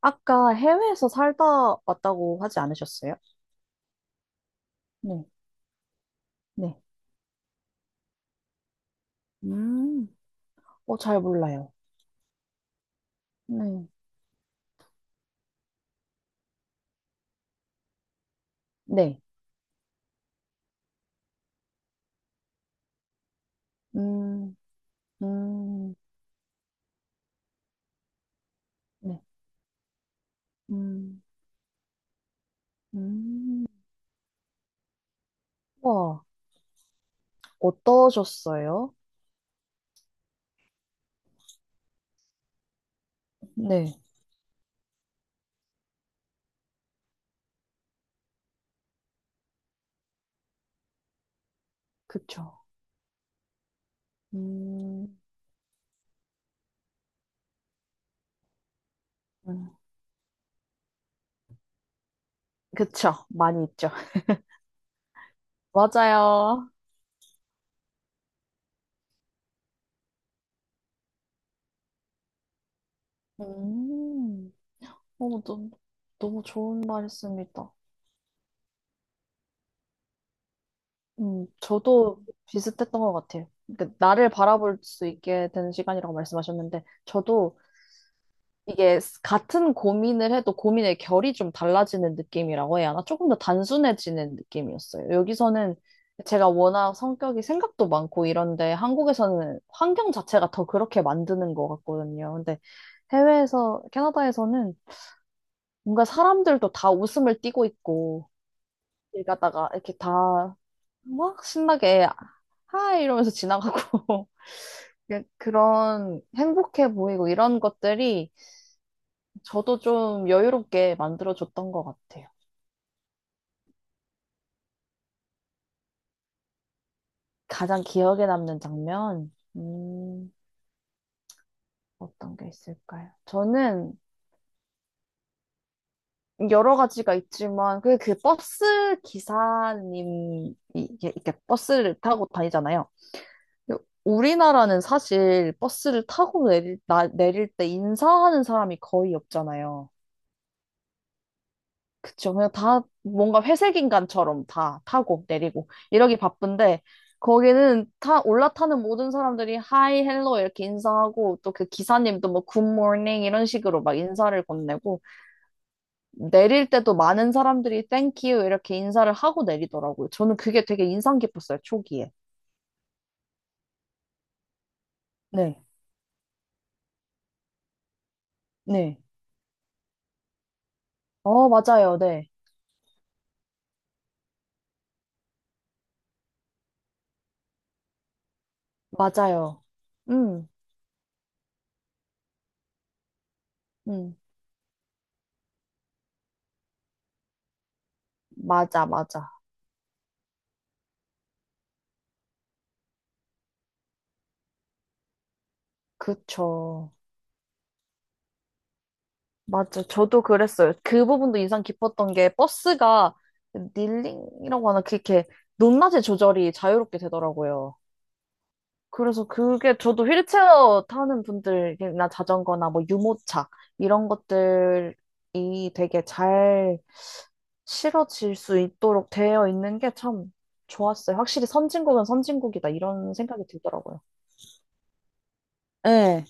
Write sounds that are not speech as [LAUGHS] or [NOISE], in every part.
아까 해외에서 살다 왔다고 하지 않으셨어요? 네, 네. 음, 어, 잘 몰라요. 네, 네. 음, 음, 네. 음, 음. 와, 어떠셨어요? 네, 그쵸. 음, 음. 그쵸. 많이 있죠. [LAUGHS] 맞아요. 음, 너무, 너무, 너무 좋은 말씀이다. 저도 비슷했던 것 같아요. 그러니까 나를 바라볼 수 있게 되는 시간이라고 말씀하셨는데, 저도 이게 같은 고민을 해도 고민의 결이 좀 달라지는 느낌이라고 해야 하나? 조금 더 단순해지는 느낌이었어요. 여기서는 제가 워낙 성격이 생각도 많고 이런데, 한국에서는 환경 자체가 더 그렇게 만드는 것 같거든요. 근데 해외에서, 캐나다에서는 뭔가 사람들도 다 웃음을 띠고 있고, 일 가다가 이렇게 다 막 신나게 하이 이러면서 지나가고 [LAUGHS] 그냥 그런 행복해 보이고 이런 것들이 저도 좀 여유롭게 만들어줬던 것 같아요. 가장 기억에 남는 장면, 어떤 게 있을까요? 저는 여러 가지가 있지만 그 버스 기사님이 이렇게 버스를 타고 다니잖아요. 근데 우리나라는 사실 버스를 타고 내릴 때 인사하는 사람이 거의 없잖아요. 그쵸. 그냥 다 뭔가 회색 인간처럼 다 타고 내리고 이러기 바쁜데 거기는 타 올라타는 모든 사람들이 하이 헬로 이렇게 인사하고 또 그 기사님도 뭐 굿모닝 이런 식으로 막 인사를 건네고 내릴 때도 많은 사람들이 땡큐 이렇게 인사를 하고 내리더라고요. 저는 그게 되게 인상 깊었어요. 초기에. 네. 네. 어, 맞아요. 네. 맞아요. 음. 음. 맞아, 맞아. 그쵸. 맞죠. 저도 그랬어요. 그 부분도 인상 깊었던 게 버스가 닐링이라고 하나 그렇게 높낮이 조절이 자유롭게 되더라고요. 그래서 그게 저도 휠체어 타는 분들이나 자전거나 뭐 유모차 이런 것들이 되게 잘 실어질 수 있도록 되어 있는 게 참 좋았어요. 확실히 선진국은 선진국이다 이런 생각이 들더라고요. 네.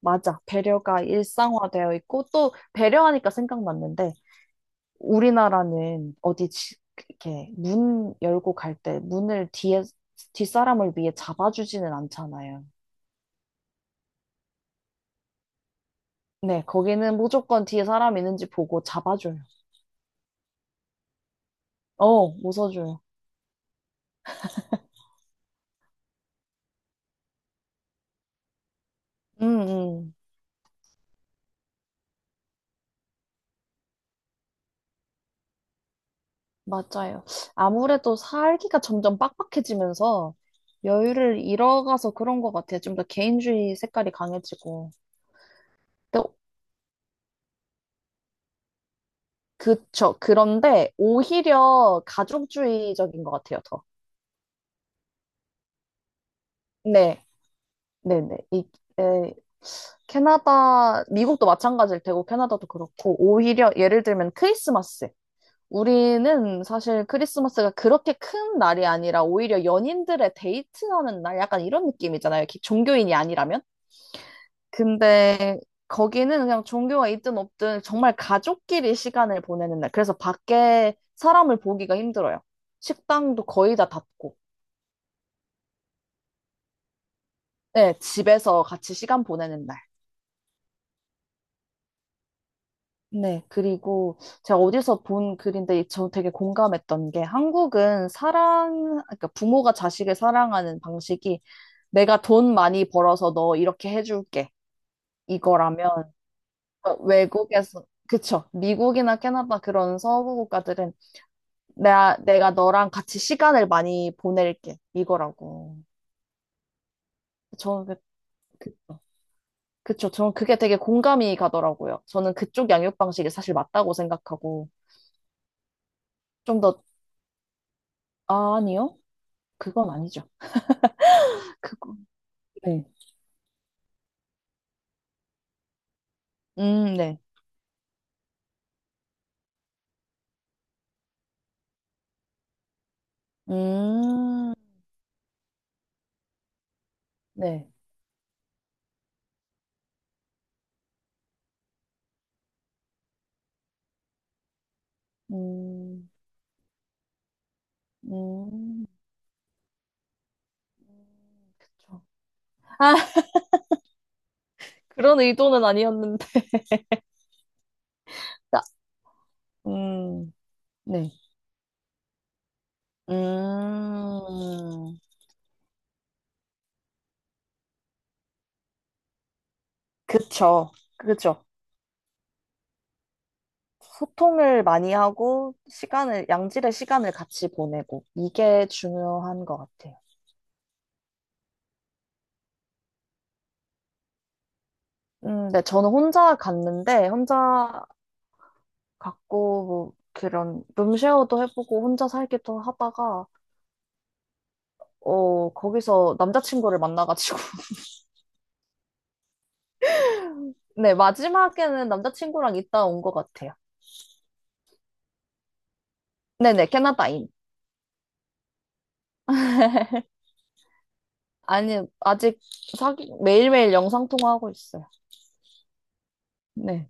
맞아. 배려가 일상화되어 있고 또 배려하니까 생각났는데 우리나라는 이렇게 문 열고 갈 때 문을 뒤에 뒷사람을 위해 잡아주지는 않잖아요. 네, 거기는 무조건 뒤에 사람 있는지 보고 잡아줘요. 어, 웃어줘요. 음, 음, 맞아요. 아무래도 살기가 점점 빡빡해지면서 여유를 잃어가서 그런 것 같아요. 좀 더 개인주의 색깔이 강해지고. 근데 그쵸. 그런데 오히려 가족주의적인 것 같아요, 더. 네. 네네. 이, 에, 캐나다, 미국도 마찬가지일 테고, 캐나다도 그렇고, 오히려 예를 들면 크리스마스. 우리는 사실 크리스마스가 그렇게 큰 날이 아니라 오히려 연인들의 데이트하는 날, 약간 이런 느낌이잖아요. 이렇게 종교인이 아니라면. 근데 거기는 그냥 종교가 있든 없든 정말 가족끼리 시간을 보내는 날. 그래서 밖에 사람을 보기가 힘들어요. 식당도 거의 다 닫고, 네, 집에서 같이 시간 보내는 날. 네, 그리고 제가 어디서 본 글인데 저 되게 공감했던 게 한국은 사랑, 그러니까 부모가 자식을 사랑하는 방식이 내가 돈 많이 벌어서 너 이렇게 해줄게. 이거라면 그러니까 외국에서, 그쵸. 미국이나 캐나다 그런 서구 국가들은 내가 너랑 같이 시간을 많이 보낼게. 이거라고. 저는 그, 그쵸. 그쵸. 저는 그게 되게 공감이 가더라고요. 저는 그쪽 양육 방식이 사실 맞다고 생각하고 좀 더, 아, 아니요. 그건 아니죠. 그거. 네. 네. 음, 네. 음, 음, 그쵸. 아, [LAUGHS] 그런 의도는 아니었는데. 나- 음, 네. 음, 그쵸. 그쵸. 소통을 많이 하고, 시간을, 양질의 시간을 같이 보내고, 이게 중요한 것 같아요. 네. 저는 혼자 갔는데, 혼자 갔고, 뭐, 그런, 룸쉐어도 해보고, 혼자 살기도 하다가, 어, 거기서 남자친구를 만나가지고. [LAUGHS] 네, 마지막에는 남자친구랑 있다 온 것 같아요. 네네, 캐나다인. 아니, 아직 사귀, 매일매일 영상통화하고 있어요. 네.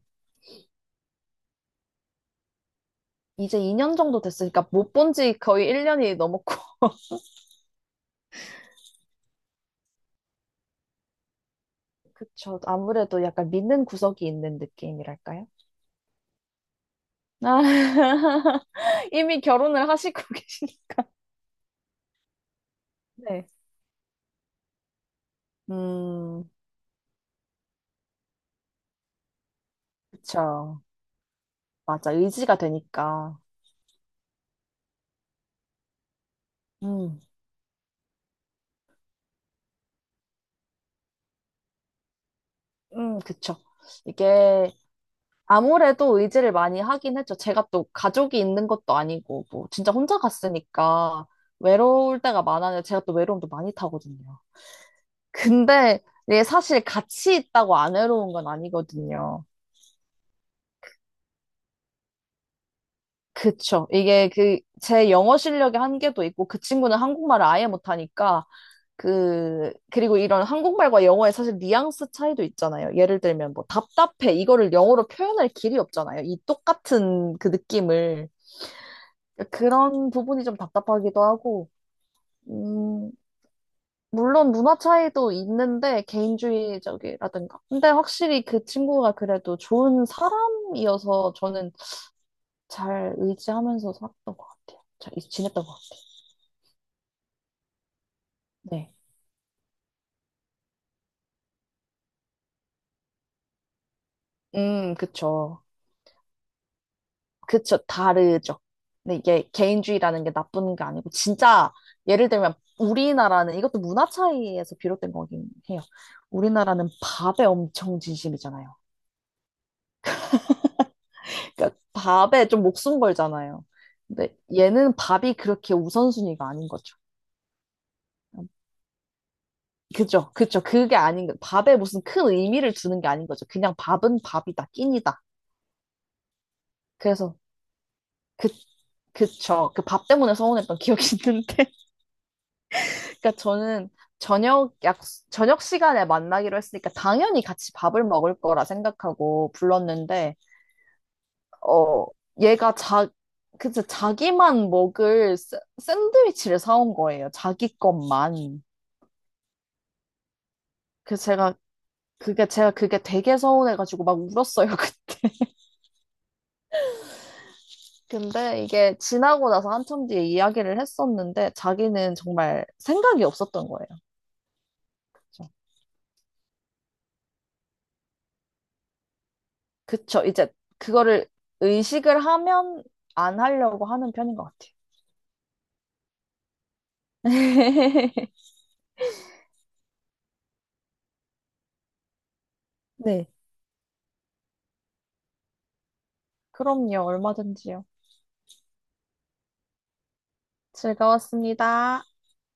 이제 2년 정도 됐으니까 못 본지 거의 1년이 넘었고. [LAUGHS] 그쵸. 아무래도 약간 믿는 구석이 있는 느낌이랄까요? 아, [LAUGHS] 이미 결혼을 하시고 [LAUGHS] 계신. 네. 음, 그쵸. 맞아. 의지가 되니까. 음, 그쵸. 이게 아무래도 의지를 많이 하긴 했죠. 제가 또 가족이 있는 것도 아니고, 뭐, 진짜 혼자 갔으니까 외로울 때가 많아요. 제가 또 외로움도 많이 타거든요. 근데 이게 사실 같이 있다고 안 외로운 건 아니거든요. 그쵸. 제 영어 실력의 한계도 있고, 그 친구는 한국말을 아예 못하니까, 그, 그리고 이런 한국말과 영어의 사실 뉘앙스 차이도 있잖아요. 예를 들면 뭐, 답답해. 이거를 영어로 표현할 길이 없잖아요. 이 똑같은 그 느낌을. 그런 부분이 좀 답답하기도 하고, 음, 물론 문화 차이도 있는데 개인주의적이라든가. 근데 확실히 그 친구가 그래도 좋은 사람이어서 저는 잘 의지하면서 살았던 것 같아요. 잘 지냈던 것 같아요. 네. 그쵸. 그쵸. 다르죠. 근데 이게 개인주의라는 게 나쁜 게 아니고, 진짜, 예를 들면, 우리나라는, 이것도 문화 차이에서 비롯된 거긴 해요. 우리나라는 밥에 엄청 진심이잖아요. 그러니까 밥에 좀 목숨 걸잖아요. 근데 얘는 밥이 그렇게 우선순위가 아닌 거죠. 그죠, 그죠. 그게 아닌 거. 밥에 무슨 큰 의미를 두는 게 아닌 거죠. 그냥 밥은 밥이다, 끼니다. 그래서 그, 그쵸. 그 밥 때문에 서운했던 기억이 있는데. [LAUGHS] 그러니까 저는 저녁 약, 저녁 시간에 만나기로 했으니까 당연히 같이 밥을 먹을 거라 생각하고 불렀는데, 어, 얘가 자, 그쵸, 자기만 먹을 샌드위치를 사온 거예요. 자기 것만. 그 제가 제가 그게 되게 서운해가지고 막 울었어요. [LAUGHS] 근데 이게 지나고 나서 한참 뒤에 이야기를 했었는데 자기는 정말 생각이 없었던 거예요. 그래서 그쵸. 이제 그거를 의식을 하면 안 하려고 하는 편인 것 같아요. [LAUGHS] 네. 그럼요. 얼마든지요. 즐거웠습니다.